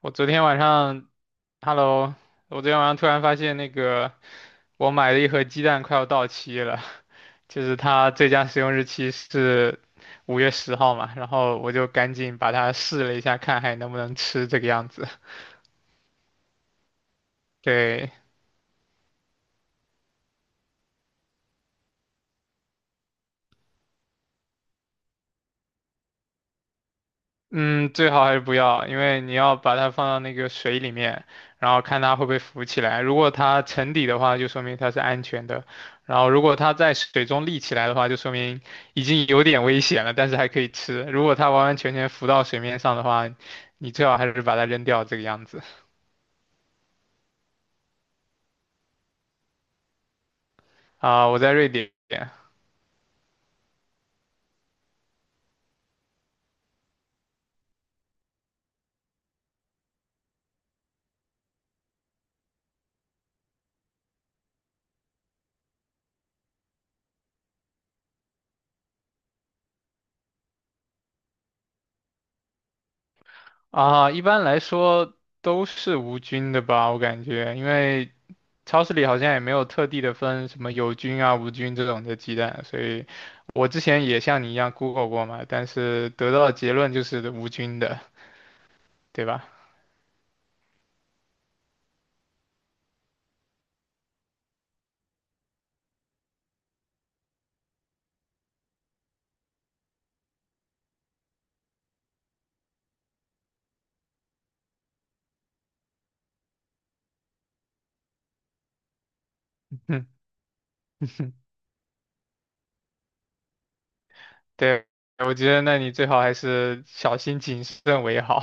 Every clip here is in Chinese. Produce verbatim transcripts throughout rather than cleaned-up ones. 我昨天晚上，Hello，我昨天晚上突然发现那个我买了一盒鸡蛋快要到期了，就是它最佳使用日期是五月十号嘛，然后我就赶紧把它试了一下，看还能不能吃这个样子。对，嗯，最好还是不要，因为你要把它放到那个水里面，然后看它会不会浮起来。如果它沉底的话，就说明它是安全的；然后如果它在水中立起来的话，就说明已经有点危险了，但是还可以吃。如果它完完全全浮到水面上的话，你最好还是把它扔掉，这个样子。啊、我在瑞典。啊、一般来说都是无菌的吧，我感觉，因为超市里好像也没有特地的分什么有菌啊、无菌这种的鸡蛋，所以我之前也像你一样 Google 过嘛，但是得到的结论就是无菌的，对吧？嗯，对，我觉得那你最好还是小心谨慎为好。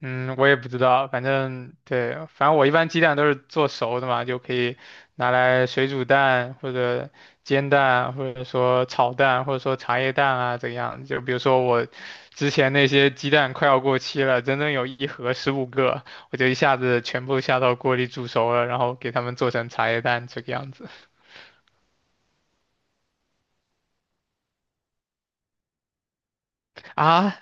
嗯，我也不知道，反正对，反正我一般鸡蛋都是做熟的嘛，就可以拿来水煮蛋或者煎蛋，或者说炒蛋，或者说茶叶蛋啊，怎样？就比如说我之前那些鸡蛋快要过期了，整整有一盒十五个，我就一下子全部下到锅里煮熟了，然后给它们做成茶叶蛋这个样子啊。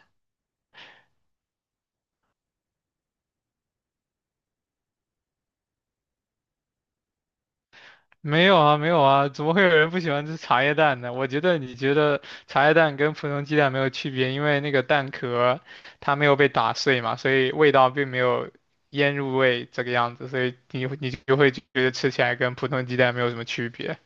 没有啊，没有啊，怎么会有人不喜欢吃茶叶蛋呢？我觉得你觉得茶叶蛋跟普通鸡蛋没有区别，因为那个蛋壳它没有被打碎嘛，所以味道并没有腌入味这个样子，所以你你就会觉得吃起来跟普通鸡蛋没有什么区别。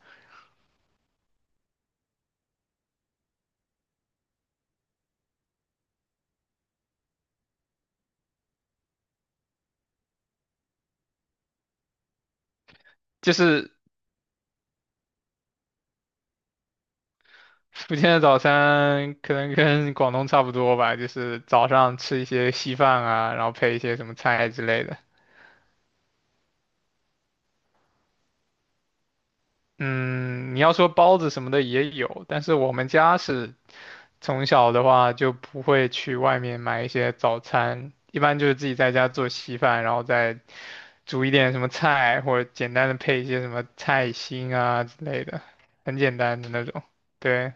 就是福建的早餐可能跟广东差不多吧，就是早上吃一些稀饭啊，然后配一些什么菜之类的。嗯，你要说包子什么的也有，但是我们家是从小的话就不会去外面买一些早餐，一般就是自己在家做稀饭，然后再煮一点什么菜，或者简单的配一些什么菜心啊之类的，很简单的那种。对，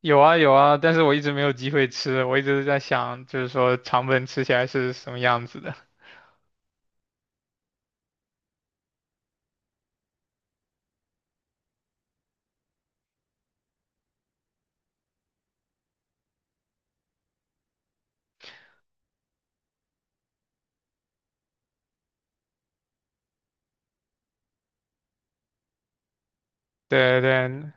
有啊有啊，但是我一直没有机会吃，我一直在想，就是说肠粉吃起来是什么样子的。对对，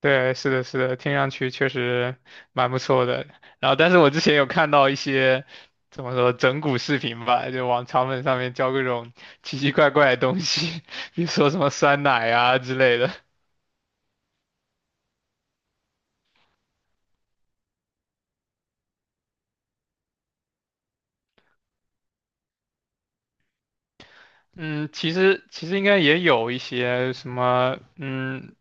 对，是的，是的，听上去确实蛮不错的。然后，但是我之前有看到一些怎么说整蛊视频吧，就往肠粉上面浇各种奇奇怪怪的东西，比如说什么酸奶啊之类的。嗯，其实其实应该也有一些什么，嗯，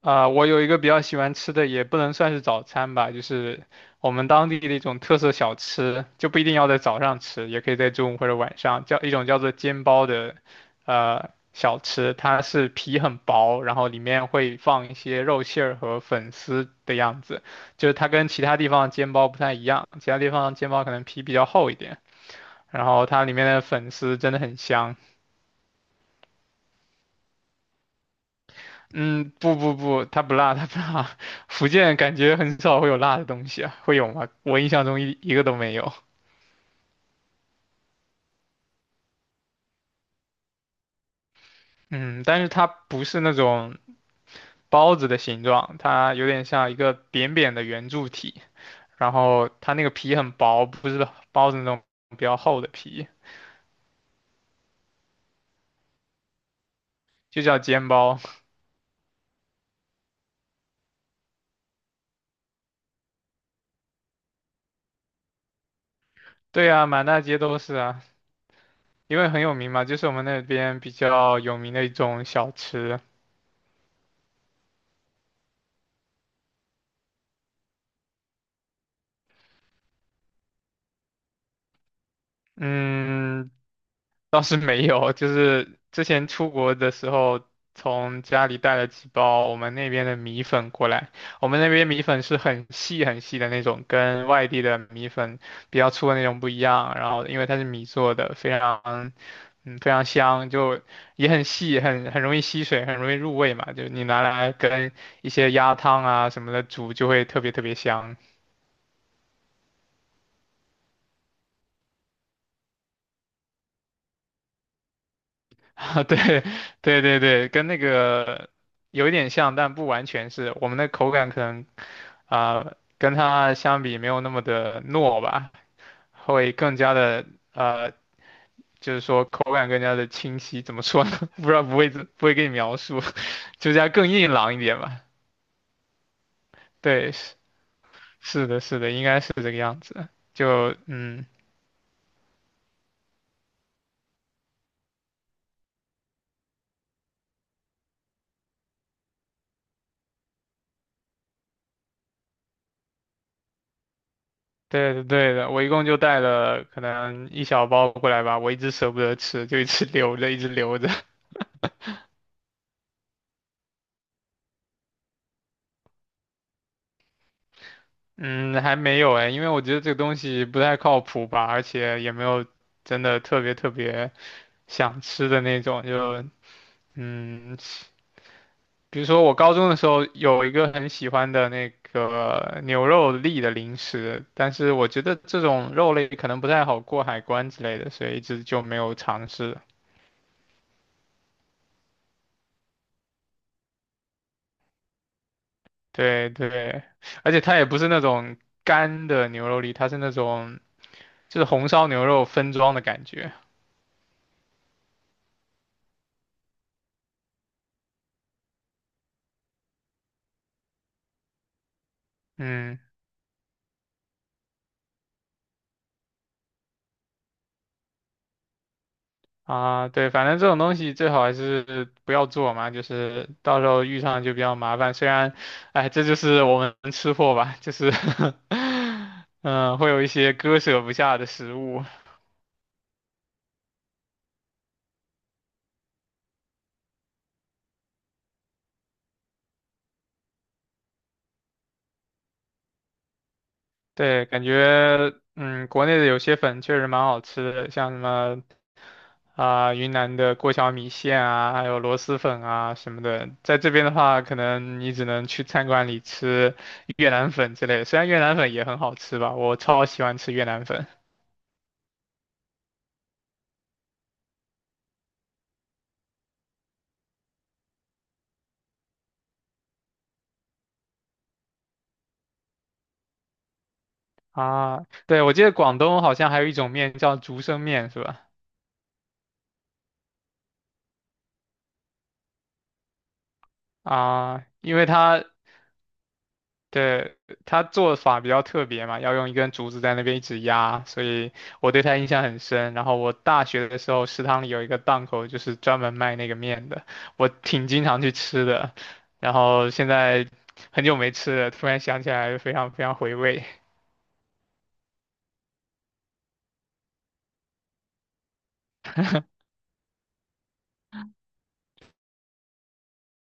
啊、我有一个比较喜欢吃的，也不能算是早餐吧，就是我们当地的一种特色小吃，就不一定要在早上吃，也可以在中午或者晚上，叫一种叫做煎包的，呃，小吃，它是皮很薄，然后里面会放一些肉馅儿和粉丝的样子，就是它跟其他地方的煎包不太一样，其他地方的煎包可能皮比较厚一点，然后它里面的粉丝真的很香。嗯，不不不，它不辣，它不辣。福建感觉很少会有辣的东西啊，会有吗？我印象中一一个都没有。嗯，但是它不是那种包子的形状，它有点像一个扁扁的圆柱体，然后它那个皮很薄，不是包子那种比较厚的皮，就叫煎包。对啊，满大街都是啊，因为很有名嘛，就是我们那边比较有名的一种小吃。嗯，倒是没有，就是之前出国的时候，从家里带了几包我们那边的米粉过来。我们那边米粉是很细很细的那种，跟外地的米粉比较粗的那种不一样。然后因为它是米做的，非常嗯非常香，就也很细，很很容易吸水，很容易入味嘛。就你拿来跟一些鸭汤啊什么的煮，就会特别特别香。啊，对对对对，跟那个有一点像，但不完全是。我们的口感可能啊、跟它相比没有那么的糯吧，会更加的呃，就是说口感更加的清晰。怎么说呢？不知道不会不会给你描述，就是要更硬朗一点吧。对，是是的，是的，应该是这个样子。就嗯，对的对的，我一共就带了可能一小包过来吧，我一直舍不得吃，就一直留着，一直留着。嗯，还没有哎，因为我觉得这个东西不太靠谱吧，而且也没有真的特别特别想吃的那种，就嗯，比如说我高中的时候有一个很喜欢的那个牛肉粒的零食，但是我觉得这种肉类可能不太好过海关之类的，所以一直就没有尝试。对对，而且它也不是那种干的牛肉粒，它是那种就是红烧牛肉分装的感觉。嗯。啊，对，反正这种东西最好还是不要做嘛，就是到时候遇上就比较麻烦。虽然，哎，这就是我们吃货吧，就是 嗯，会有一些割舍不下的食物。对，感觉嗯，国内的有些粉确实蛮好吃的，像什么啊、云南的过桥米线啊，还有螺蛳粉啊什么的。在这边的话，可能你只能去餐馆里吃越南粉之类的，虽然越南粉也很好吃吧，我超喜欢吃越南粉。啊，对，我记得广东好像还有一种面叫竹升面，是吧？啊，因为它对它做法比较特别嘛，要用一根竹子在那边一直压，所以我对它印象很深。然后我大学的时候，食堂里有一个档口，就是专门卖那个面的，我挺经常去吃的。然后现在很久没吃了，突然想起来，非常非常回味。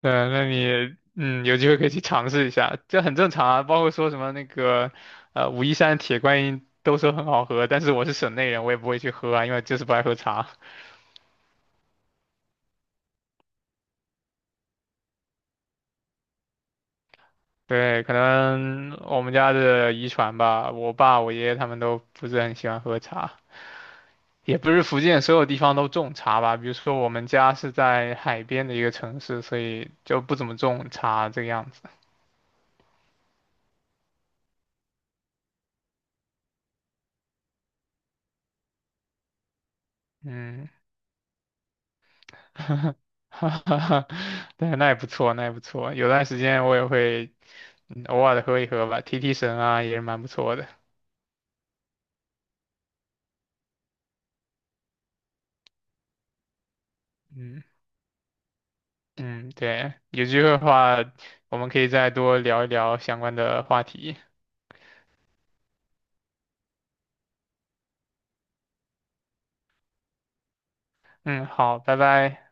嗯，那你嗯，有机会可以去尝试一下，这很正常啊。包括说什么那个，呃，武夷山铁观音都说很好喝，但是我是省内人，我也不会去喝啊，因为就是不爱喝茶。对，可能我们家的遗传吧，我爸、我爷爷他们都不是很喜欢喝茶，也不是福建所有地方都种茶吧。比如说我们家是在海边的一个城市，所以就不怎么种茶这个样子。嗯。哈哈哈，对，那也不错，那也不错。有段时间我也会嗯，偶尔的喝一喝吧，提提神啊，也是蛮不错的。嗯嗯，对，有机会的话，我们可以再多聊一聊相关的话题。嗯，好，拜拜。